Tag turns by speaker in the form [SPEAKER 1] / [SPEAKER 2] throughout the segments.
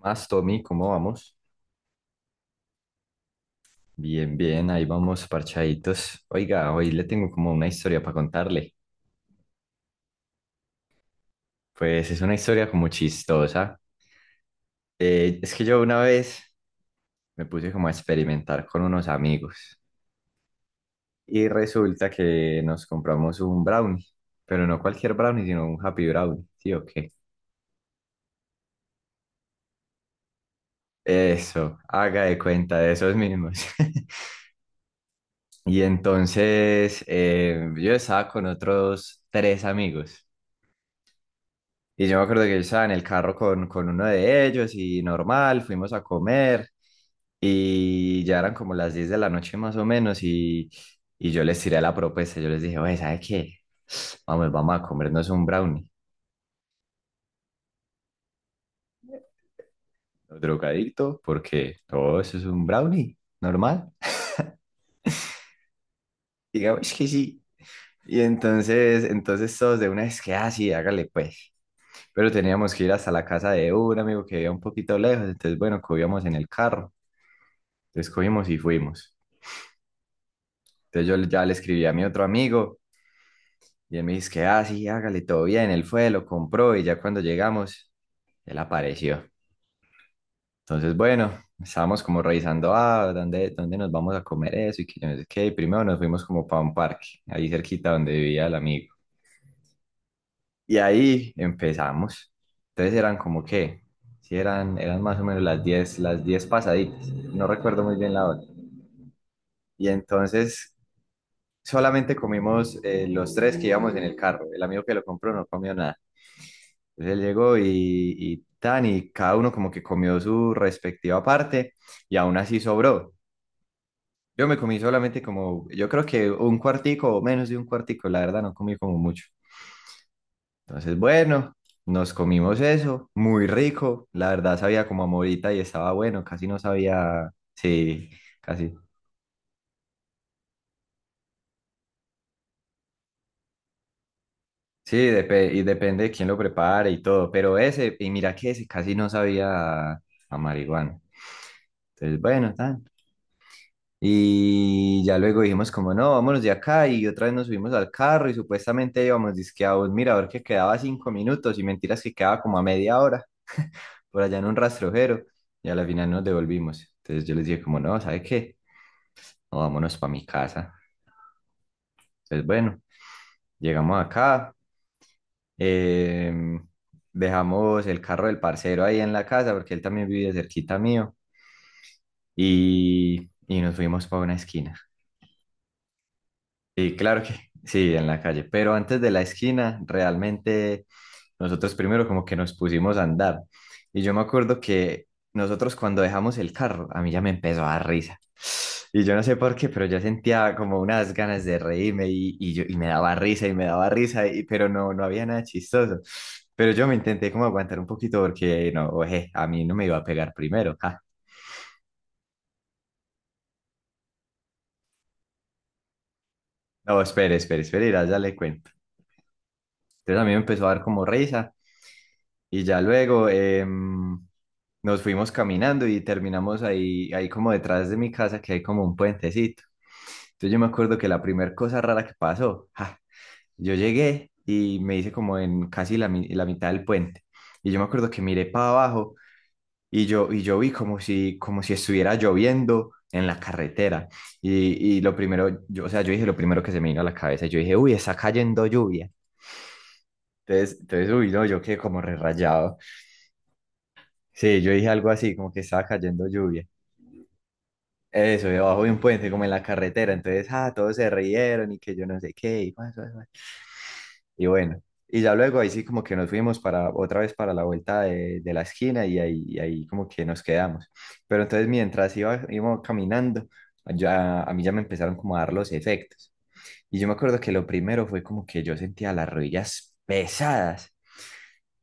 [SPEAKER 1] Más, Tommy, ¿cómo vamos? Bien, bien, ahí vamos parchaditos. Oiga, hoy le tengo como una historia para contarle. Pues es una historia como chistosa. Es que yo una vez me puse como a experimentar con unos amigos y resulta que nos compramos un brownie, pero no cualquier brownie, sino un happy brownie, ¿sí o qué? Eso, haga de cuenta de esos mismos. Y entonces yo estaba con otros tres amigos. Y yo me acuerdo que yo estaba en el carro con uno de ellos y normal, fuimos a comer y ya eran como las 10 de la noche más o menos y yo les tiré la propuesta, yo les dije, oye, ¿sabe qué? Vamos, vamos a comernos un brownie. Los drogadictos, porque todo eso es un brownie, normal. Digamos, es que sí. Y entonces, todos de una vez que, ah, sí, hágale pues. Pero teníamos que ir hasta la casa de un amigo que vivía un poquito lejos, entonces bueno, cogíamos en el carro, entonces cogimos y fuimos. Entonces yo ya le escribí a mi otro amigo y él me dice que, ah, sí, hágale, todo bien. Él fue, lo compró y ya cuando llegamos, él apareció. Entonces, bueno, estábamos como revisando, ah, ¿dónde nos vamos a comer eso? Y que yo no sé qué. Y primero nos fuimos como para un parque, ahí cerquita donde vivía el amigo. Y ahí empezamos. Entonces eran como que, sí, eran más o menos las 10 las 10 pasaditas. No recuerdo muy bien la hora. Y entonces solamente comimos los tres que íbamos en el carro. El amigo que lo compró no comió nada. Él llegó y tan, y cada uno como que comió su respectiva parte y aún así sobró. Yo me comí solamente como, yo creo que un cuartico o menos de un cuartico, la verdad no comí como mucho. Entonces, bueno, nos comimos eso, muy rico, la verdad sabía como a morita y estaba bueno, casi no sabía, sí, casi. Sí, depe- y depende de quién lo prepare y todo, pero ese, y mira que ese casi no sabía a marihuana. Entonces, bueno, tan. Y ya luego dijimos como no, vámonos de acá y otra vez nos subimos al carro y supuestamente íbamos dizque a un mirador que quedaba 5 minutos y mentiras que quedaba como a media hora por allá en un rastrojero y a la final nos devolvimos. Entonces yo les dije como no, ¿sabe qué? No, vámonos para mi casa. Entonces bueno, llegamos acá, em, dejamos el carro del parcero ahí en la casa porque él también vive cerquita mío y nos fuimos para una esquina. Sí, claro que sí, en la calle, pero antes de la esquina, realmente nosotros primero como que nos pusimos a andar. Y yo me acuerdo que nosotros cuando dejamos el carro, a mí ya me empezó a dar risa. Y yo no sé por qué, pero yo sentía como unas ganas de reírme y yo, y me daba risa y me daba risa, y- pero no, no había nada chistoso. Pero yo me intenté como aguantar un poquito porque no, oje, a mí no me iba a pegar primero. Ja. No, espere, espere, espere, ya, ya le cuento. Entonces a mí me empezó a dar como risa. Y ya luego nos fuimos caminando y terminamos ahí, ahí como detrás de mi casa, que hay como un puentecito. Entonces yo me acuerdo que la primera cosa rara que pasó, ja, yo llegué y me hice como en casi la, mi- la mitad del puente. Y yo me acuerdo que miré para abajo y yo vi como si estuviera lloviendo en la carretera. Y lo primero, yo, o sea, yo dije lo primero que se me vino a la cabeza, yo dije, uy, está cayendo lluvia. Entonces, uy, no, yo quedé como re rayado. Sí, yo dije algo así, como que estaba cayendo lluvia. Eso, debajo de un puente, como en la carretera. Entonces, ah, todos se rieron y que yo no sé qué. Y, guas, guas, guas. Y bueno, y ya luego ahí sí como que nos fuimos para otra vez para la vuelta de la esquina y ahí como que nos quedamos. Pero entonces mientras íbamos caminando, ya, a mí ya me empezaron como a dar los efectos. Y yo me acuerdo que lo primero fue como que yo sentía las rodillas pesadas.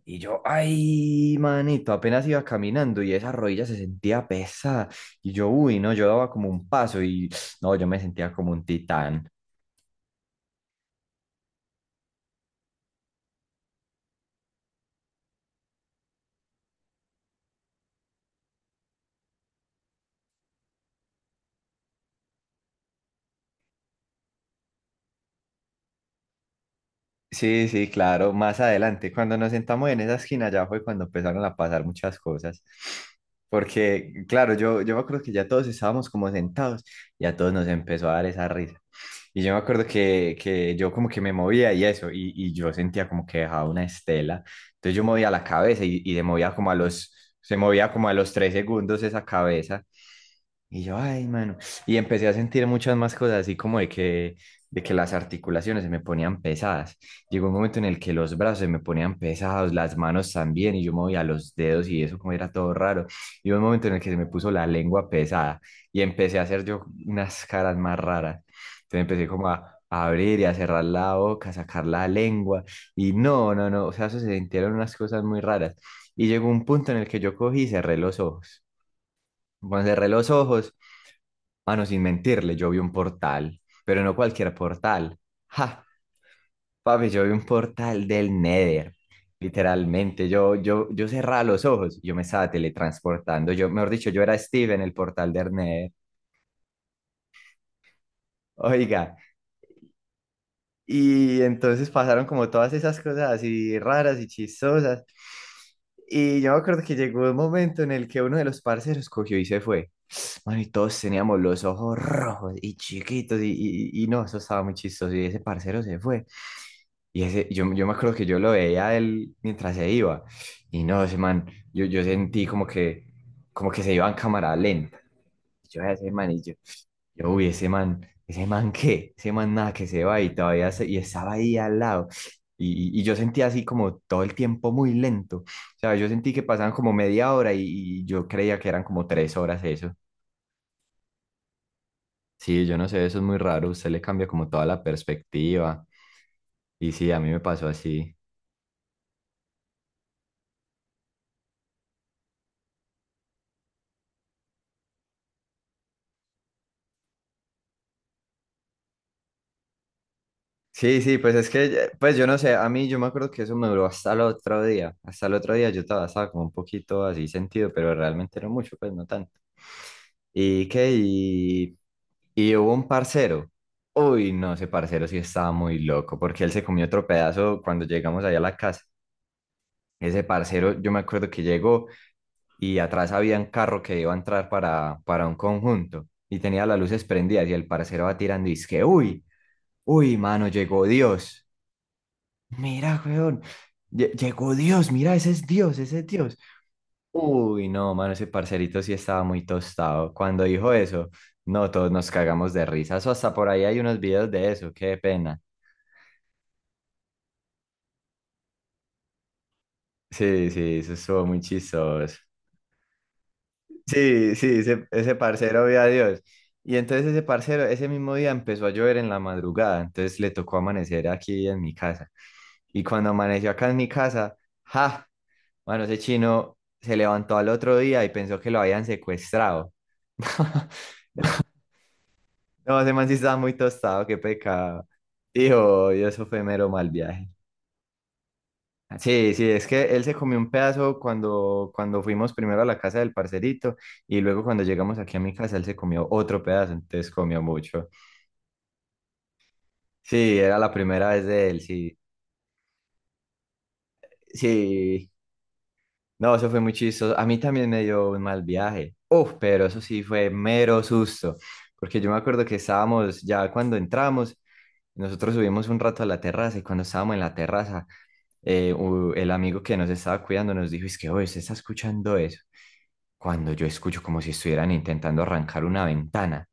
[SPEAKER 1] Y yo, ay, manito, apenas iba caminando y esa rodilla se sentía pesada. Y yo, uy, no, yo daba como un paso y no, yo me sentía como un titán. Sí, sí, claro, más adelante, cuando nos sentamos en esa esquina, ya fue cuando empezaron a pasar muchas cosas. Porque, claro, yo me acuerdo que ya todos estábamos como sentados y a todos nos empezó a dar esa risa. Y yo me acuerdo que yo como que me movía y eso, y yo sentía como que dejaba una estela. Entonces yo movía la cabeza y se movía como a los, se movía como a los 3 segundos esa cabeza. Y yo, ay, mano. Y empecé a sentir muchas más cosas, así como de que las articulaciones se me ponían pesadas. Llegó un momento en el que los brazos se me ponían pesados, las manos también, y yo movía los dedos y eso como era todo raro. Y hubo un momento en el que se me puso la lengua pesada y empecé a hacer yo unas caras más raras. Entonces empecé como a abrir y a cerrar la boca, a sacar la lengua. Y no, no, no, o sea, eso se sintieron unas cosas muy raras. Y llegó un punto en el que yo cogí y cerré los ojos. Cuando cerré los ojos, mano, sin mentirle, yo vi un portal, pero no cualquier portal. Ja, papi, yo vi un portal del Nether. Literalmente, yo cerraba los ojos, yo me estaba teletransportando. Yo, mejor dicho, yo era Steve en el portal del Nether. Oiga, y entonces pasaron como todas esas cosas así raras y chistosas. Y yo me acuerdo que llegó un momento en el que uno de los parceros cogió y se fue. Mano, y todos teníamos los ojos rojos y chiquitos, y no, eso estaba muy chistoso. Y ese parcero se fue. Y ese, yo me acuerdo que yo lo veía a él mientras se iba. Y no, ese man, yo sentí como que se iba en cámara lenta. Yo veía a ese man y yo, uy, ese man qué, ese man nada que se va y todavía se- y estaba ahí al lado. Y yo sentía así como todo el tiempo muy lento. O sea, yo sentí que pasaban como media hora y yo creía que eran como 3 horas eso. Sí, yo no sé, eso es muy raro. Usted le cambia como toda la perspectiva. Y sí, a mí me pasó así. Sí, sí, pues es que, pues yo no sé, a mí yo me acuerdo que eso me duró hasta el otro día, hasta el otro día yo estaba, estaba como un poquito así sentido, pero realmente no mucho, pues no tanto. ¿Y qué? Y hubo un parcero, uy, no, ese parcero sí estaba muy loco, porque él se comió otro pedazo cuando llegamos allá a la casa. Ese parcero, yo me acuerdo que llegó y atrás había un carro que iba a entrar para un conjunto y tenía las luces prendidas y el parcero va tirando y es que, uy, uy, mano, llegó Dios. Mira, weón. Llegó Dios, mira, ese es Dios, ese es Dios. Uy, no, mano, ese parcerito sí estaba muy tostado. Cuando dijo eso, no, todos nos cagamos de risa. Eso hasta por ahí hay unos videos de eso, qué pena. Sí, sí, eso estuvo muy chistoso. Sí, sí, ese parcero vio a Dios. Y entonces ese parcero, ese mismo día empezó a llover en la madrugada, entonces le tocó amanecer aquí en mi casa. Y cuando amaneció acá en mi casa, ¡ja! Bueno, ese chino se levantó al otro día y pensó que lo habían secuestrado. No, ese man sí estaba muy tostado, qué pecado. Dijo, y eso fue mero mal viaje. Sí, sí, es que él se comió un pedazo cuando fuimos primero a la casa del parcerito y luego cuando llegamos aquí a mi casa él se comió otro pedazo, entonces comió mucho. Sí, era la primera vez de él, sí. Sí, no, eso fue muy chistoso. A mí también me dio un mal viaje. Uf, pero eso sí fue mero susto. Porque yo me acuerdo que estábamos, ya cuando entramos, nosotros subimos un rato a la terraza y cuando estábamos en la terraza, el amigo que nos estaba cuidando nos dijo, es que, oye, ¿usted está escuchando eso? Cuando yo escucho como si estuvieran intentando arrancar una ventana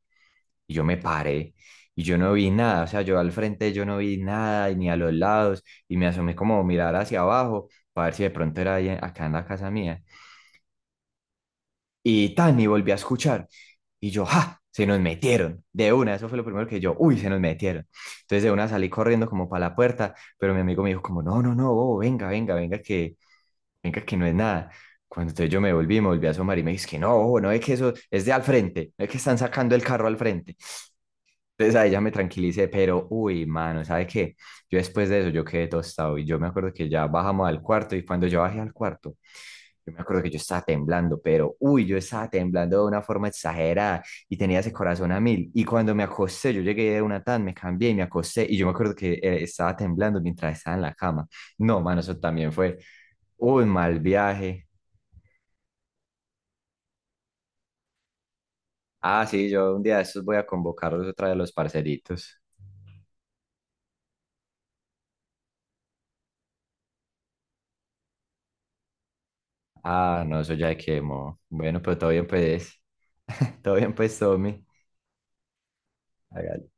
[SPEAKER 1] y yo me paré y yo no vi nada. O sea, yo al frente yo no vi nada y ni a los lados y me asomé como a mirar hacia abajo para ver si de pronto era ahí, acá en la casa mía. Y tan, y volví a escuchar. Y yo, ¡ja! Se nos metieron. De una, eso fue lo primero que yo, uy, se nos metieron. Entonces de una salí corriendo como para la puerta, pero mi amigo me dijo como, no, no, no, bobo, venga, venga, venga, que no es nada. Cuando entonces yo me volví a asomar y me dije, es que no, bobo, no es que eso es de al frente, no es que están sacando el carro al frente. Entonces ahí ya me tranquilicé, pero uy, mano, ¿sabe qué? Yo después de eso yo quedé tostado y yo me acuerdo que ya bajamos al cuarto y cuando yo bajé al cuarto, yo me acuerdo que yo estaba temblando, pero uy, yo estaba temblando de una forma exagerada y tenía ese corazón a mil. Y cuando me acosté, yo llegué de una tan, me cambié y me acosté y yo me acuerdo que estaba temblando mientras estaba en la cama. No, mano, eso también fue un mal viaje. Ah, sí, yo un día de estos voy a convocarlos otra vez a los parceritos. Ah, no, eso ya quemo. Bueno, pero todo bien, pues. Todo bien, pues, Tommy. Hágale.